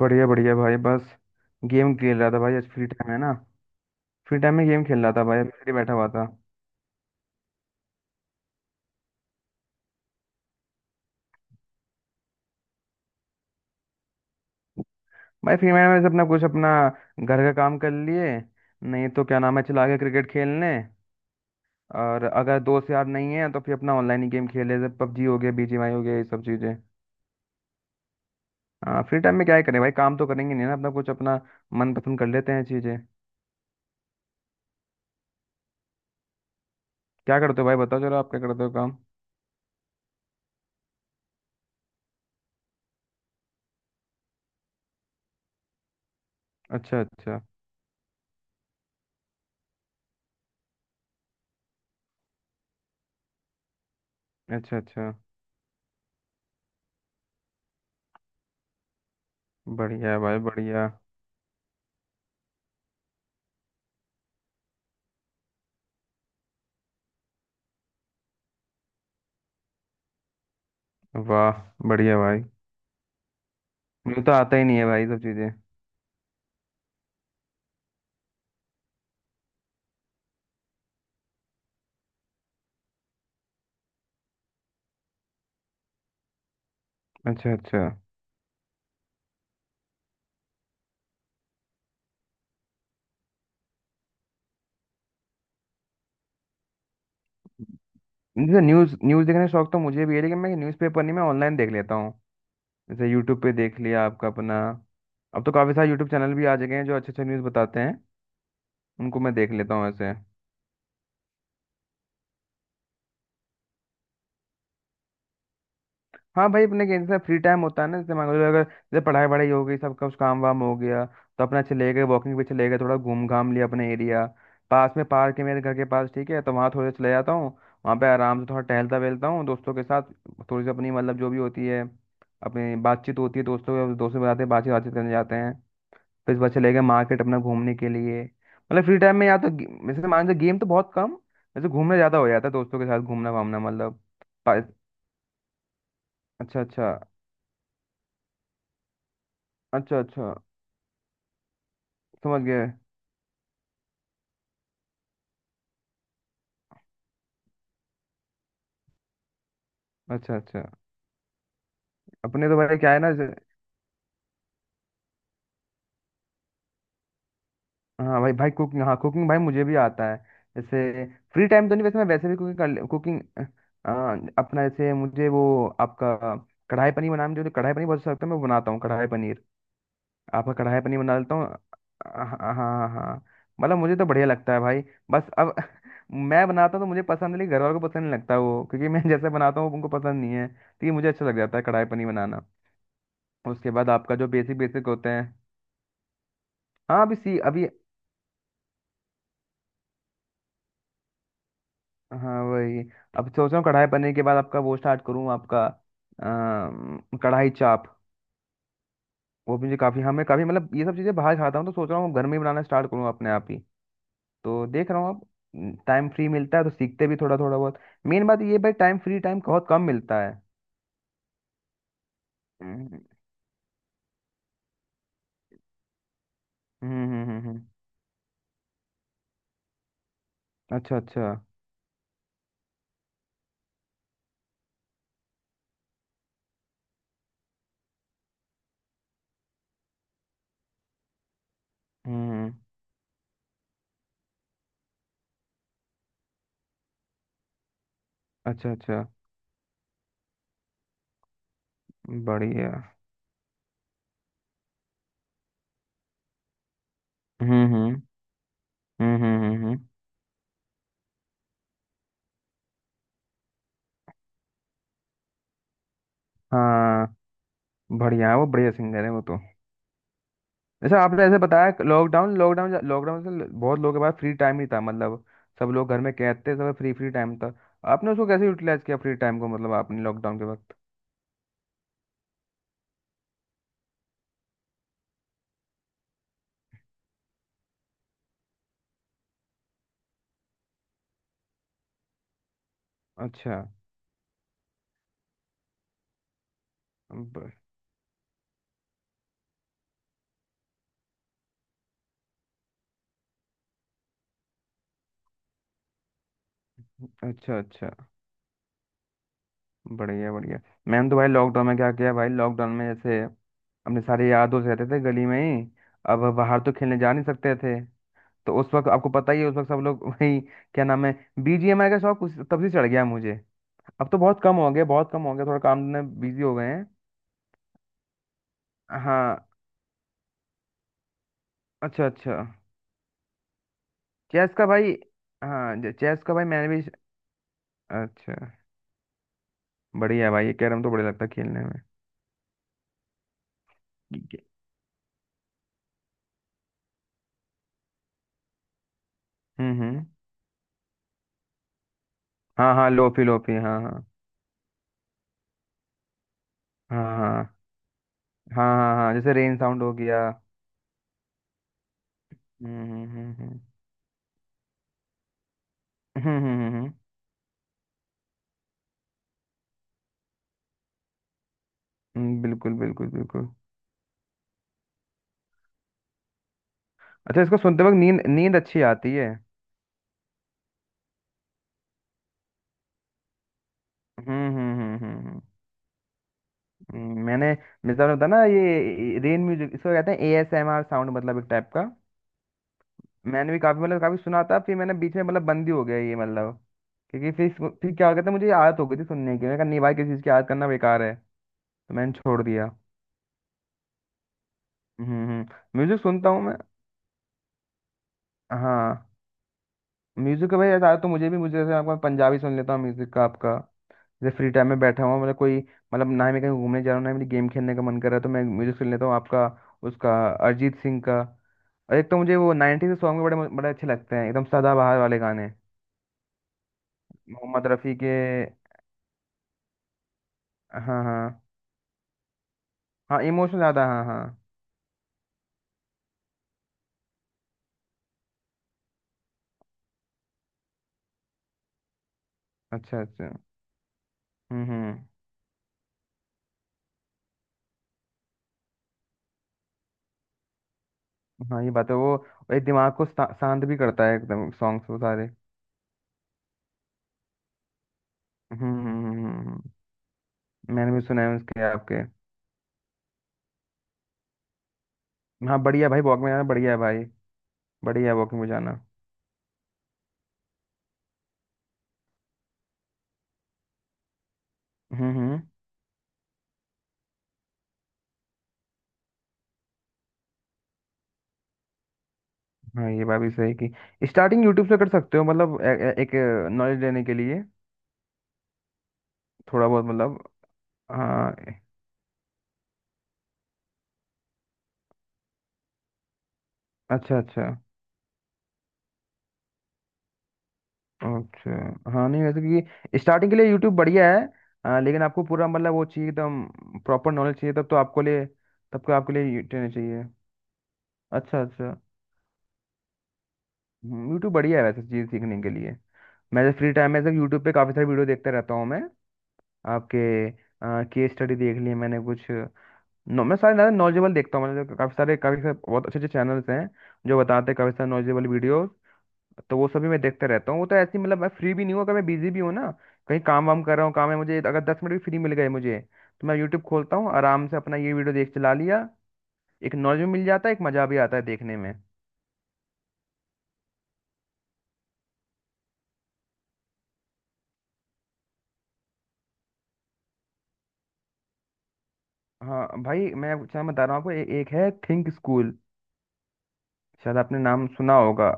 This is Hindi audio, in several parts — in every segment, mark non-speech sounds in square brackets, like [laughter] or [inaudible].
बढ़िया बढ़िया भाई बस गेम खेल रहा था भाई आज फ्री टाइम है ना। फ्री टाइम में गेम खेल रहा था भाई अभी फ्री बैठा हुआ था। भाई फ्री टाइम में से अपना कुछ अपना घर का काम कर लिए नहीं तो क्या नाम है चला गया क्रिकेट खेलने। और अगर दोस्त यार नहीं है तो फिर अपना ऑनलाइन ही गेम खेले जैसे पबजी हो गया बीजीएमआई हो गया ये सब चीज़ें। हाँ फ्री टाइम में क्या ही करें भाई काम तो करेंगे नहीं ना अपना कुछ अपना मनपसंद कर लेते हैं चीज़ें। क्या करते हो भाई बताओ जरा आप क्या करते हो काम। अच्छा अच्छा। अच्छा अच्छा। बढ़िया भाई बढ़िया। वाह। बढ़िया भाई। मुझे तो आता ही नहीं है भाई सब चीजें। अच्छा अच्छा। जैसे न्यूज न्यूज देखने का शौक तो मुझे भी है लेकिन मैं न्यूज़पेपर नहीं मैं ऑनलाइन देख लेता हूँ। जैसे यूट्यूब पे देख लिया आपका अपना। अब तो काफी सारे यूट्यूब चैनल भी आ गए हैं जो अच्छे अच्छे न्यूज बताते हैं। उनको मैं देख लेता हूँ ऐसे। हाँ भाई अपने के जैसे फ्री टाइम होता है ना, जैसे मान लो अगर जैसे पढ़ाई वढ़ाई हो गई सब कुछ काम वाम हो गया तो अपना चले गए वॉकिंग पे, चले गए थोड़ा घूम घाम लिया अपने एरिया। पास में पार्क है मेरे घर के पास ठीक है तो वहाँ थोड़े चले जाता हूँ। वहाँ पे आराम से थोड़ा टहलता वहलता हूँ दोस्तों के साथ। थोड़ी सी अपनी मतलब जो भी होती है अपनी बातचीत होती है दोस्तों के बताते बातचीत बातचीत करने जाते हैं। फिर उसके बाद चले गए मार्केट अपना घूमने के लिए, मतलब फ्री टाइम में या तो वैसे मान लो गेम तो बहुत कम। वैसे घूमने ज़्यादा हो जाता है दोस्तों के साथ घूमना वामना मतलब। पा- अच्छा अच्छा। अच्छा अच्छा। समझ गए। अच्छा अच्छा। अपने तो भाई क्या है ना हाँ भाई भाई कुकिंग हाँ कुकिंग भाई मुझे भी आता है। जैसे फ्री टाइम तो नहीं वैसे मैं वैसे भी कुकिंग कर कुकिंग अपना जैसे मुझे वो आपका कढ़ाई पनीर बनाना, मुझे कढ़ाई पनीर बहुत अच्छा लगता है मैं बनाता हूँ कढ़ाई पनीर। आपका कढ़ाई पनीर बना लेता हूँ, हाँ हाँ हाँ हाँ, हाँ। मतलब मुझे तो बढ़िया लगता है भाई। बस अब [laughs] मैं बनाता हूँ तो मुझे पसंद है लेकिन घर वालों को पसंद नहीं लगता वो, क्योंकि मैं [laughs] जैसे बनाता हूँ उनको पसंद नहीं है, तो ये मुझे अच्छा लग जाता है कढ़ाई पनीर बनाना। उसके बाद आपका जो बेसिक बेसिक होते हैं। हाँ अभी सी अभी हाँ वही। अब सोच रहा हूँ कढ़ाई पनीर के बाद आपका वो स्टार्ट करूँ आपका कढ़ाई चाप। वो भी मुझे काफ़ी हमें काफ़ी मतलब ये सब चीज़ें बाहर खाता हूँ तो सोच रहा हूँ घर में ही बनाना स्टार्ट करूँ अपने आप ही। तो देख रहा हूँ अब टाइम फ्री मिलता है तो सीखते भी थोड़ा थोड़ा बहुत। मेन बात ये है भाई टाइम फ्री टाइम बहुत कम मिलता है। हम्म हम्म हम्म हम्म, हम्म। अच्छा अच्छा। हम्म। अच्छा अच्छा। बढ़िया। हम्म हम्म हम्म हम्म हम्म, हम्म। हाँ बढ़िया है वो, बढ़िया सिंगर है वो तो। जैसे आपने ऐसे बताया लॉकडाउन लॉकडाउन लॉकडाउन से बहुत लोगों के पास फ्री टाइम ही था, मतलब सब लोग घर में कैद थे सब फ्री फ्री टाइम था। आपने उसको कैसे यूटिलाइज किया फ्री टाइम को, मतलब आपने लॉकडाउन के वक्त। अच्छा। ब- अच्छा अच्छा। बढ़िया बढ़िया। मैंने तो भाई लॉकडाउन में क्या किया भाई, लॉकडाउन में जैसे अपने सारे यार दोस्त रहते थे गली में ही। अब बाहर तो खेलने जा नहीं सकते थे। तो उस वक्त आपको पता ही है, उस वक्त सब लोग [laughs] वही क्या नाम है बीजीएमआई का शौक तब से चढ़ गया मुझे। अब तो बहुत कम हो गया बहुत कम हो गया, थोड़ा काम में बिजी हो गए हैं। हाँ। अच्छा अच्छा। चेस का भाई। हाँ चेस का भाई मैंने भी। अच्छा। बढ़िया भाई ये कैरम तो बढ़िया लगता है खेलने में। ठीक है। हम्म। हाँ हाँ लोफी लोफी, हाँ हाँ हाँ हाँ। हाँ हाँ। हाँ जैसे रेन साउंड हो गया। हम्म। हम्म हम्म हम्म, हम्म, हम्म, बिल्कुल बिल्कुल बिल्कुल। अच्छा इसको सुनते वक्त नींद नींद अच्छी आती है। हम्म हम्म हम्म हम्म हम्म, मैंने मिसाल होता ना ये रेन म्यूजिक इसको कहते हैं एएसएमआर साउंड, मतलब एक टाइप का। मैंने भी काफी मतलब काफी सुना था, फिर मैंने बीच में मतलब बंद ही हो गया ये मतलब। क्योंकि फिर फिर क्या हो गया था मुझे आदत हो गई थी सुनने की, मैंने कहा नहीं भाई किसी चीज की आदत करना बेकार है तो मैंने छोड़ दिया। हम्म। म्यूजिक सुनता हूँ मैं। हाँ। म्यूजिक का भाई ऐसा तो मुझे भी मुझे जैसे आपका पंजाबी सुन लेता हूँ म्यूजिक का आपका। जैसे फ्री टाइम में बैठा हुआ मतलब कोई, मतलब ना ही मैं कहीं घूमने जा रहा हूँ ना ही मेरी गेम खेलने का मन कर रहा है तो मैं म्यूजिक सुन लेता हूँ आपका उसका अरिजीत सिंह का। और एक तो मुझे वो 90s के सॉन्ग भी बड़े बड़े अच्छे लगते हैं, एकदम सदाबहार वाले गाने मोहम्मद रफ़ी के। हाँ हाँ। हाँ इमोशन ज्यादा, हाँ हाँ। अच्छा अच्छा। हम्म। हाँ ये बात है वो, एक दिमाग को शांत भी करता है एकदम सॉन्ग्स वो सारे। हम्म हम्म हम्म, हम्म। मैंने भी सुना है उसके आपके। हाँ बढ़िया भाई, वॉक में जाना बढ़िया है भाई। बढ़िया है वॉकिंग में जाना। हम्म। हाँ ये बात भी सही कि स्टार्टिंग यूट्यूब से कर सकते हो, मतलब ए, ए, एक नॉलेज लेने के लिए। थोड़ा बहुत मतलब। हाँ। अच्छा अच्छा। अच्छा हाँ, नहीं वैसे क्योंकि स्टार्टिंग के लिए यूट्यूब बढ़िया है। लेकिन आपको पूरा मतलब वो चाहिए एकदम प्रॉपर नॉलेज चाहिए तब तो आपको लिए। तब को आपके लिए ट्रेनिंग चाहिए। अच्छा अच्छा। यूट्यूब बढ़िया है वैसे चीज़ सीखने के लिए। मैं जब फ्री टाइम में जब यूट्यूब पे काफ़ी सारी वीडियो देखता रहता हूँ मैं। आपके केस स्टडी देख लिए मैंने कुछ। नो, मैं सारे ज़्यादा नॉलेजेबल देखता हूँ, मतलब काफ़ी सारे बहुत अच्छे अच्छे चैनल्स हैं जो बताते हैं काफ़ी सारे नॉलेजेबल वीडियो। तो वो सभी मैं देखते रहता हूँ, वो तो ऐसी मतलब मैं फ्री भी नहीं हूँ अगर मैं बिजी भी हूँ ना कहीं काम वाम कर रहा हूँ काम है मुझे, अगर 10 मिनट भी फ्री मिल गए मुझे तो मैं यूट्यूब खोलता हूँ आराम से अपना ये वीडियो देख चला लिया। एक नॉलेज भी मिल जाता है एक मजा भी आता है देखने में। हाँ भाई मैं क्या बता रहा हूँ आपको, एक है थिंक स्कूल, शायद आपने नाम सुना होगा।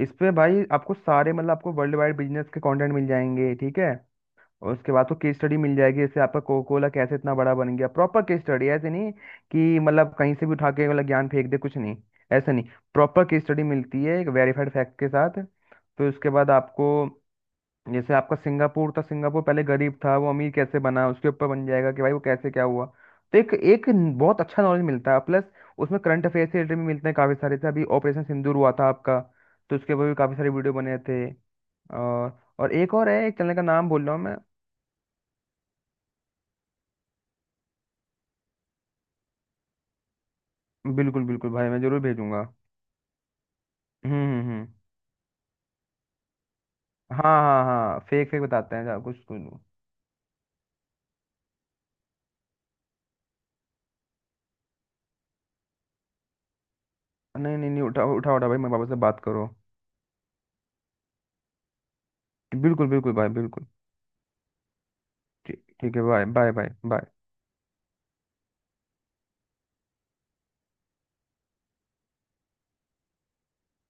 इस पे भाई आपको सारे मतलब आपको वर्ल्ड वाइड बिजनेस के कंटेंट मिल जाएंगे ठीक है। और उसके बाद तो केस स्टडी मिल जाएगी, जैसे आपका कोको कोला कैसे इतना बड़ा बन गया प्रॉपर केस स्टडी, ऐसे नहीं कि मतलब कहीं से भी उठा के मतलब ज्ञान फेंक दे कुछ नहीं। ऐसा नहीं। प्रॉपर केस स्टडी मिलती है एक वेरीफाइड फैक्ट के साथ। फिर उसके बाद आपको जैसे आपका सिंगापुर था, सिंगापुर पहले गरीब था वो अमीर कैसे बना उसके ऊपर बन जाएगा कि भाई वो कैसे क्या हुआ। तो एक एक बहुत अच्छा नॉलेज मिलता है प्लस उसमें करंट अफेयर से रिलेटेड भी मिलते हैं काफ़ी सारे से, अभी ऑपरेशन सिंदूर हुआ था आपका तो उसके ऊपर भी काफ़ी सारे वीडियो बने थे। और और एक और है एक चैनल का नाम बोल रहा हूँ मैं। बिल्कुल बिल्कुल भाई, मैं जरूर भेजूंगा। हम्म हम्म हम्म। हाँ हाँ हाँ फेक फेक बताते हैं कुछ कुछ। नहीं नहीं नहीं उठाओ उठाओ उठाओ भाई, मैं पापा से बात करो। बिल्कुल बिल्कुल भाई बिल्कुल। ठीक ठीक है बाय बाय बाय बाय।